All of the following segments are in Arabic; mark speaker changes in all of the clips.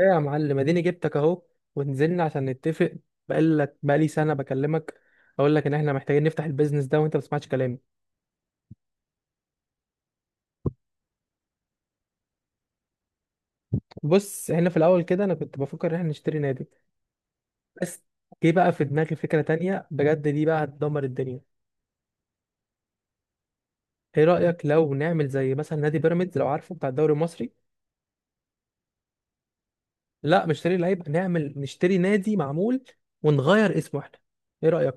Speaker 1: ايه يا معلم، اديني جبتك اهو. ونزلنا عشان نتفق. بقالي سنه بكلمك، اقول لك ان احنا محتاجين نفتح البيزنس ده وانت ما بتسمعش كلامي. بص، احنا في الاول كده انا كنت بفكر ان احنا نشتري نادي، بس جه بقى في دماغي فكره تانية بجد، دي بقى هتدمر الدنيا. ايه رايك لو نعمل زي مثلا نادي بيراميدز، لو عارفه بتاع الدوري المصري؟ لا، مش نشتري لعيب، نعمل نشتري نادي معمول ونغير اسمه احنا. ايه رايك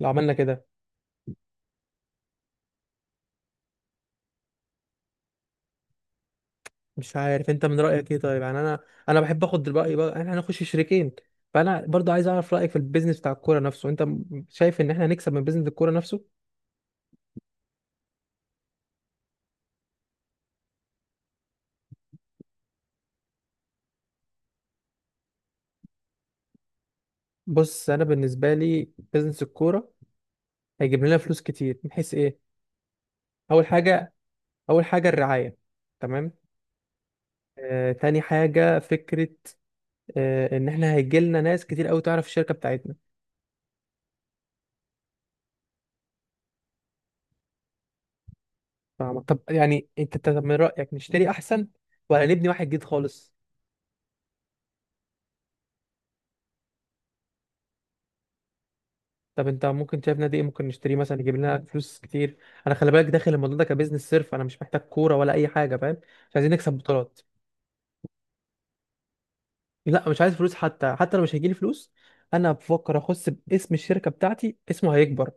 Speaker 1: لو عملنا كده؟ مش عارف انت من رايك ايه، طيب يعني انا بحب اخد الراي. بقى احنا هنخش شريكين، فانا برضو عايز اعرف رايك في البيزنس بتاع الكوره نفسه. انت شايف ان احنا هنكسب من بيزنس الكوره نفسه؟ بص، انا بالنسبه لي بيزنس الكوره هيجيب لنا فلوس كتير، من حيث ايه؟ اول حاجه، اول حاجه الرعايه. تمام. تاني حاجة فكرة، إن إحنا هيجي لنا ناس كتير أوي تعرف الشركة بتاعتنا. فاهمك. طب يعني أنت من رأيك نشتري أحسن ولا نبني واحد جديد خالص؟ طب انت ممكن شايف نادي ايه ممكن نشتريه مثلا يجيب لنا فلوس كتير؟ انا خلي بالك، داخل الموضوع ده كبزنس صرف، انا مش محتاج كوره ولا اي حاجه فاهم. مش عايزين نكسب بطولات. لا، مش عايز فلوس، حتى لو مش هيجيلي فلوس، انا بفكر اخص باسم الشركه بتاعتي، اسمه هيكبر.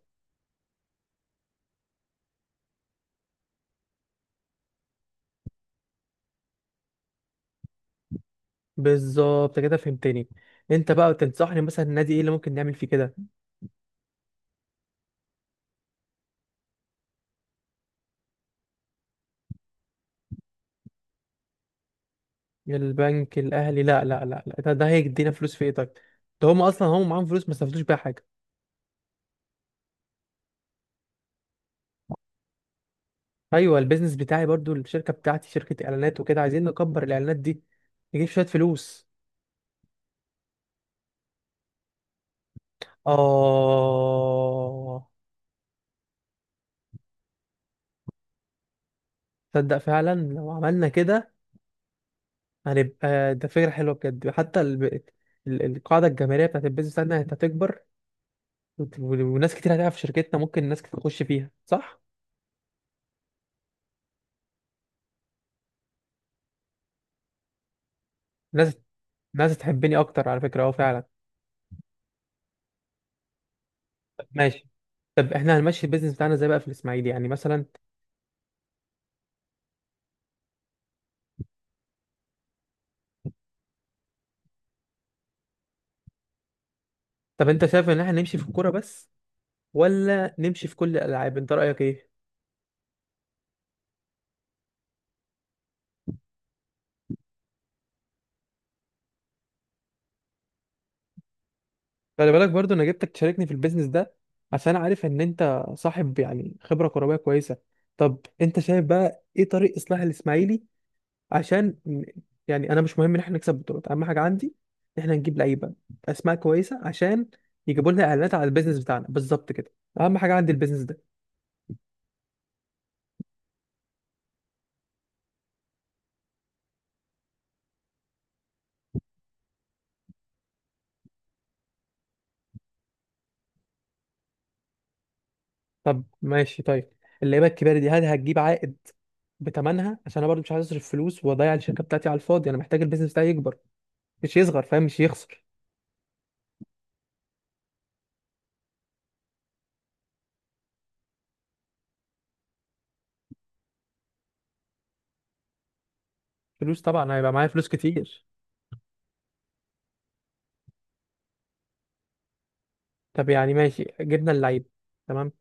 Speaker 1: بالظبط كده، فهمتني. انت بقى تنصحني مثلا النادي ايه اللي ممكن نعمل فيه كده؟ البنك الاهلي؟ لا لا لا لا، ده، ده هيدينا فلوس في ايه طيب؟ ده هم اصلا هم معاهم فلوس ما استفادوش بيها حاجه. ايوه، البيزنس بتاعي برضو، الشركه بتاعتي شركه اعلانات وكده، عايزين نكبر الاعلانات دي، نجيب شويه فلوس. آه تصدق فعلا لو عملنا كده هنبقى، ده فكرة حلوة بجد. حتى القاعدة الجماهيرية بتاعت البيزنس بتاعتنا هتكبر، وناس كتير هتقع في شركتنا، ممكن ناس كتير تخش فيها، صح؟ ناس ناس تحبني أكتر، على فكرة أه فعلا. طب ماشي، طب إحنا هنمشي البيزنس بتاعنا إزاي بقى في الإسماعيلي يعني مثلا؟ طب أنت شايف إن إحنا نمشي في الكورة بس ولا نمشي في كل الألعاب؟ أنت رأيك إيه؟ خلي بالك برضو انا جبتك تشاركني في البيزنس ده عشان عارف ان انت صاحب يعني خبره كرويه كويسه. طب انت شايف بقى ايه طريق اصلاح الاسماعيلي عشان يعني انا مش مهم ان احنا نكسب بطولات، اهم حاجه عندي ان احنا نجيب لعيبه، اسماء كويسه، عشان يجيبوا لنا اعلانات على البيزنس بتاعنا، بالظبط كده. اهم حاجه عندي البيزنس ده. طب ماشي طيب، اللعيبه الكبيره دي هل هتجيب عائد بتمنها؟ عشان انا برضو مش عايز اصرف فلوس واضيع الشركه بتاعتي على الفاضي، انا محتاج البيزنس بتاعي يكبر مش يصغر، فاهم، مش يخسر. فلوس طبعا، هيبقى معايا فلوس كتير. طب يعني ماشي، جبنا اللعيب، تمام.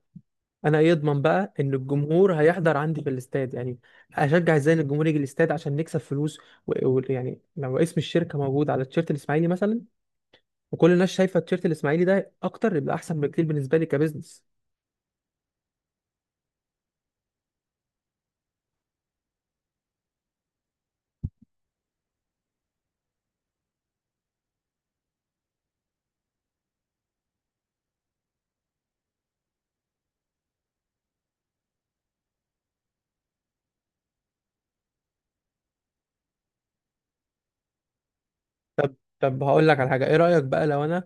Speaker 1: انا ايه اضمن بقى ان الجمهور هيحضر عندي في الاستاد يعني؟ اشجع ازاي ان الجمهور يجي الاستاد عشان نكسب فلوس؟ ويعني لو اسم الشركه موجود على التيشيرت الاسماعيلي مثلا، وكل الناس شايفه التيشيرت الاسماعيلي ده اكتر، يبقى احسن بكتير بالنسبه لي كبزنس. طب طب هقول لك على حاجه، ايه رايك بقى لو انا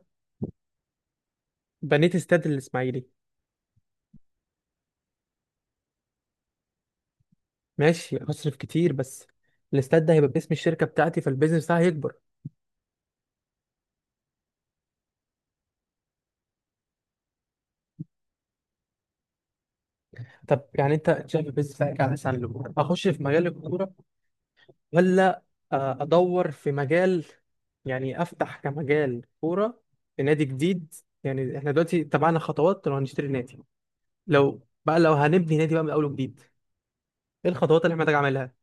Speaker 1: بنيت استاد الاسماعيلي؟ ماشي هصرف كتير، بس الاستاد ده هيبقى باسم الشركه بتاعتي، فالبيزنس بتاعي هيكبر. طب يعني انت شايف البيزنس بتاعك على سلم هخش في مجال الكوره، ولا ادور في مجال، يعني افتح كمجال كوره في نادي جديد؟ يعني احنا دلوقتي تبعنا خطوات لو هنشتري نادي، لو بقى لو هنبني نادي بقى من اول وجديد، ايه الخطوات اللي احنا محتاج اعملها؟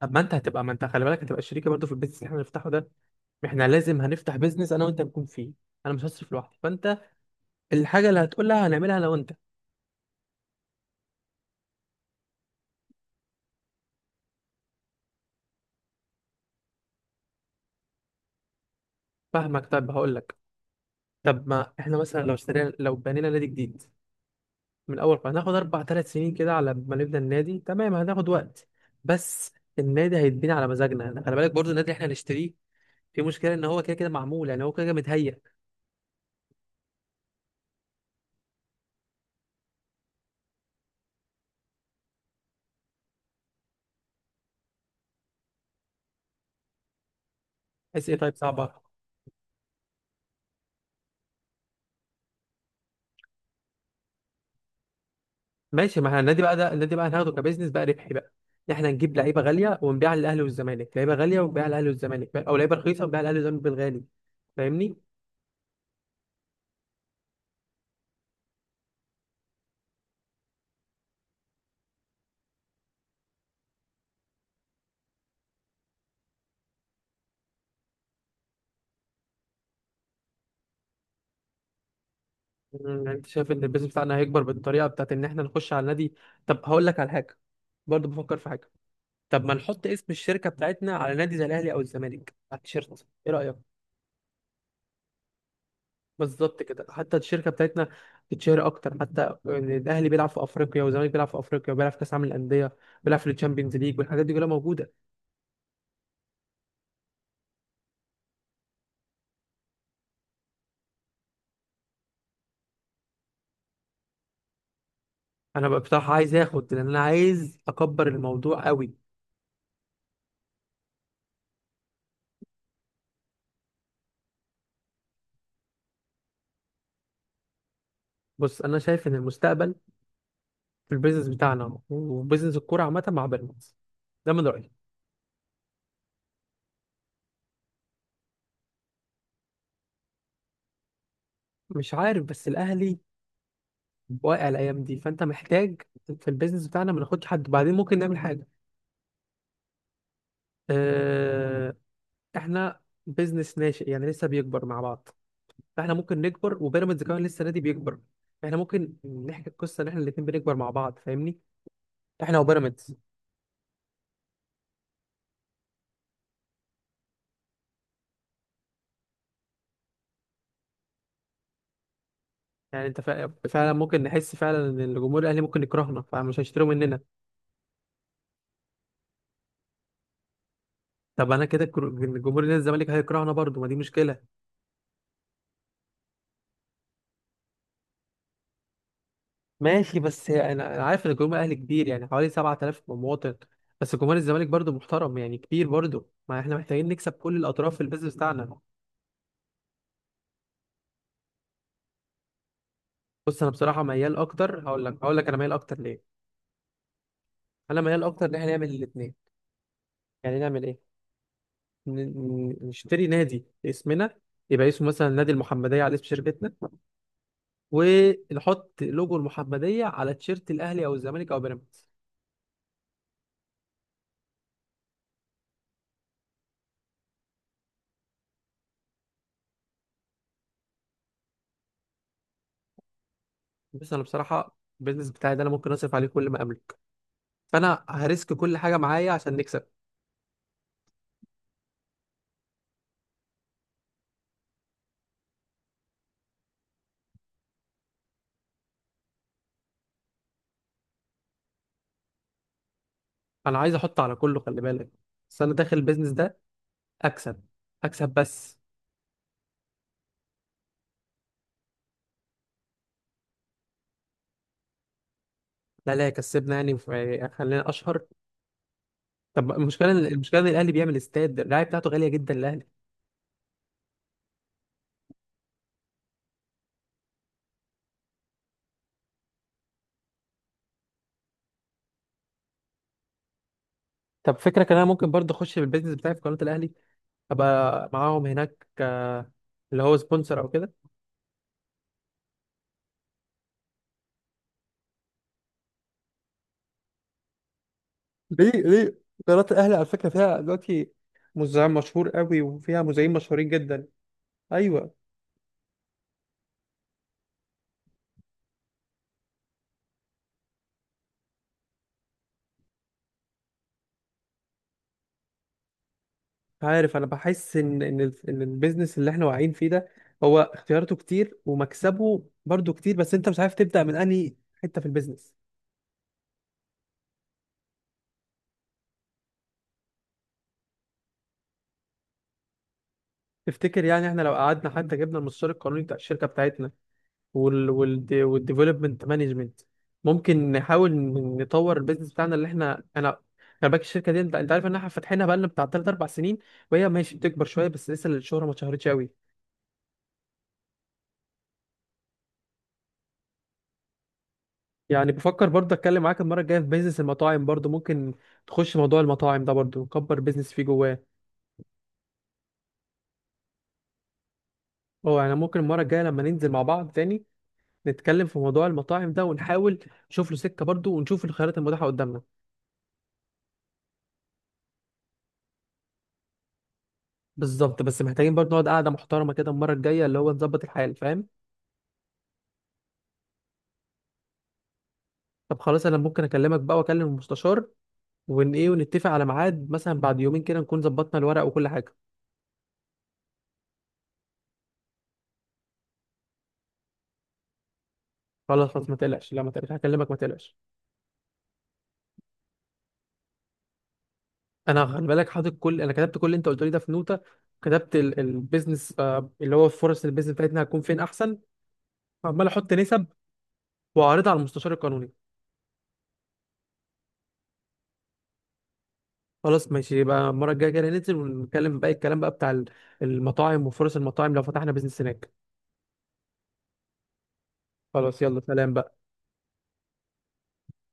Speaker 1: طب ما انت هتبقى، ما انت خلي بالك هتبقى شريكه برضه في البيزنس اللي احنا هنفتحه ده، احنا لازم هنفتح بيزنس انا وانت نكون فيه، انا مش هصرف لوحدي، فانت الحاجه اللي هتقولها هنعملها انا وانت. فاهمك، طب هقول لك. طب ما احنا مثلا لو اشترينا، لو بنينا نادي جديد من اول قرار، هناخد اربع ثلاث سنين كده على ما نبدا النادي، تمام هناخد وقت، بس النادي هيتبني على مزاجنا. خلي بالك برضو النادي اللي احنا هنشتريه في مشكله ان هو كده كده معمول، يعني هو كده كده متهيأ. عايز ايه طيب صعبه؟ ماشي، ما احنا النادي بقى ده، النادي بقى هناخده كبزنس بقى ربحي بقى. احنا نجيب لعيبه غاليه ونبيعها للاهلي والزمالك، لعيبه غاليه ونبيعها للاهلي والزمالك، او لعيبه رخيصه ونبيعها للاهلي والزمالك بالغالي، فاهمني؟ يعني انت شايف ان البيزنس بتاعنا هيكبر بالطريقه بتاعت ان احنا نخش على النادي. طب هقول لك على حاجه، برضو بفكر في حاجه. طب ما نحط اسم الشركه بتاعتنا على نادي زي الاهلي او الزمالك على التيشيرت، ايه رايك؟ بالظبط كده، حتى الشركه بتاعتنا تتشهر اكتر، حتى إن الاهلي بيلعب في افريقيا والزمالك بيلعب في افريقيا وبيلعب في كاس عالم الانديه وبيلعب في الشامبيونز ليج، والحاجات دي كلها موجوده. انا بقى بصراحه عايز اخد، لان انا عايز اكبر الموضوع قوي. بص انا شايف ان المستقبل في البيزنس بتاعنا وبيزنس الكوره عامه مع بيراميدز، ده من رايي. مش عارف، بس الاهلي واقع الايام دي، فانت محتاج في البيزنس بتاعنا ما ناخدش حد، بعدين ممكن نعمل حاجه. آه، احنا بيزنس ناشئ يعني لسه بيكبر مع بعض، فاحنا ممكن نكبر، وبيراميدز كمان لسه نادي بيكبر، احنا ممكن نحكي القصه ان احنا الاثنين بنكبر مع بعض، فاهمني، احنا وبيراميدز. يعني انت فعلا ممكن نحس فعلا ان الجمهور الاهلي ممكن يكرهنا فمش هيشتروا مننا. طب انا كده الجمهور نادي الزمالك هيكرهنا برضو، ما دي مشكله. ماشي، بس أنا عارف ان الجمهور الاهلي كبير يعني حوالي 7,000 مواطن، بس جمهور الزمالك برضو محترم يعني كبير برضو، ما احنا محتاجين نكسب كل الاطراف في البيزنس بتاعنا. بص انا بصراحه ميال اكتر، هقول لك هقول لك انا ميال اكتر ليه. انا ميال اكتر ان احنا نعمل الاثنين، يعني نعمل ايه، ن- نشتري نادي اسمنا، يبقى اسمه مثلا نادي المحمديه على اسم شركتنا، ونحط لوجو المحمديه على تيشيرت الاهلي او الزمالك او بيراميدز. بس انا بصراحه البيزنس بتاعي ده انا ممكن اصرف عليه كل ما املك، فانا هريسك كل حاجه معايا عشان نكسب. انا عايز احط على كله خلي بالك، بس انا داخل البيزنس ده اكسب، اكسب بس. لا لا، كسبنا يعني، خلينا اشهر. طب المشكله المشكله ان الاهلي بيعمل استاد، الرعايه بتاعته غاليه جدا الاهلي. طب فكرة كان، انا ممكن برضه اخش بالبيزنس بتاعي في قناه الاهلي، ابقى معاهم هناك، اللي هو سبونسر او كده. ليه ليه؟ قناة الأهلي على فكرة فيها دلوقتي مذيع مشهور قوي وفيها مذيعين مشهورين جدا. ايوه. عارف انا بحس ان ان إن البيزنس اللي احنا واقعين فيه ده هو اختياراته كتير ومكسبه برضه كتير، بس انت مش عارف تبدا من انهي حته في البيزنس. تفتكر يعني احنا لو قعدنا حتى جبنا المستشار القانوني بتاع الشركه بتاعتنا والديفلوبمنت مانجمنت ممكن نحاول نطور البيزنس بتاعنا اللي احنا انا، خلي بالك الشركه دي انت عارف ان احنا فاتحينها بقالنا بتاع 3 4 سنين، وهي ماشي بتكبر شويه، بس لسه الشهره ما اتشهرتش قوي. يعني بفكر برضه اتكلم معاك المره الجايه في بيزنس المطاعم، برضه ممكن تخش موضوع المطاعم ده، برضه نكبر بيزنس فيه جواه. اه يعني ممكن المره الجايه لما ننزل مع بعض تاني نتكلم في موضوع المطاعم ده، ونحاول نشوف له سكه برضه، ونشوف الخيارات المتاحه قدامنا. بالظبط، بس محتاجين برضه نقعد قعده محترمه كده المره الجايه، اللي هو نظبط الحال، فاهم. طب خلاص، انا ممكن اكلمك بقى واكلم المستشار ون ايه ونتفق على ميعاد مثلا بعد يومين كده نكون ظبطنا الورق وكل حاجه. خلاص خلاص، ما تقلقش، لا ما تقلقش هكلمك ما تقلقش. انا خلي بالك حاطط كل، انا كتبت كل اللي انت قلت لي ده في نوته، كتبت البيزنس اللي هو فرص البيزنس بتاعتنا هتكون فين احسن، عمال احط نسب واعرضها على المستشار القانوني. خلاص ماشي، يبقى المره الجايه كده ننزل ونتكلم باقي الكلام بقى بتاع المطاعم وفرص المطاعم لو فتحنا بيزنس هناك. خلاص، يلا سلام بقى.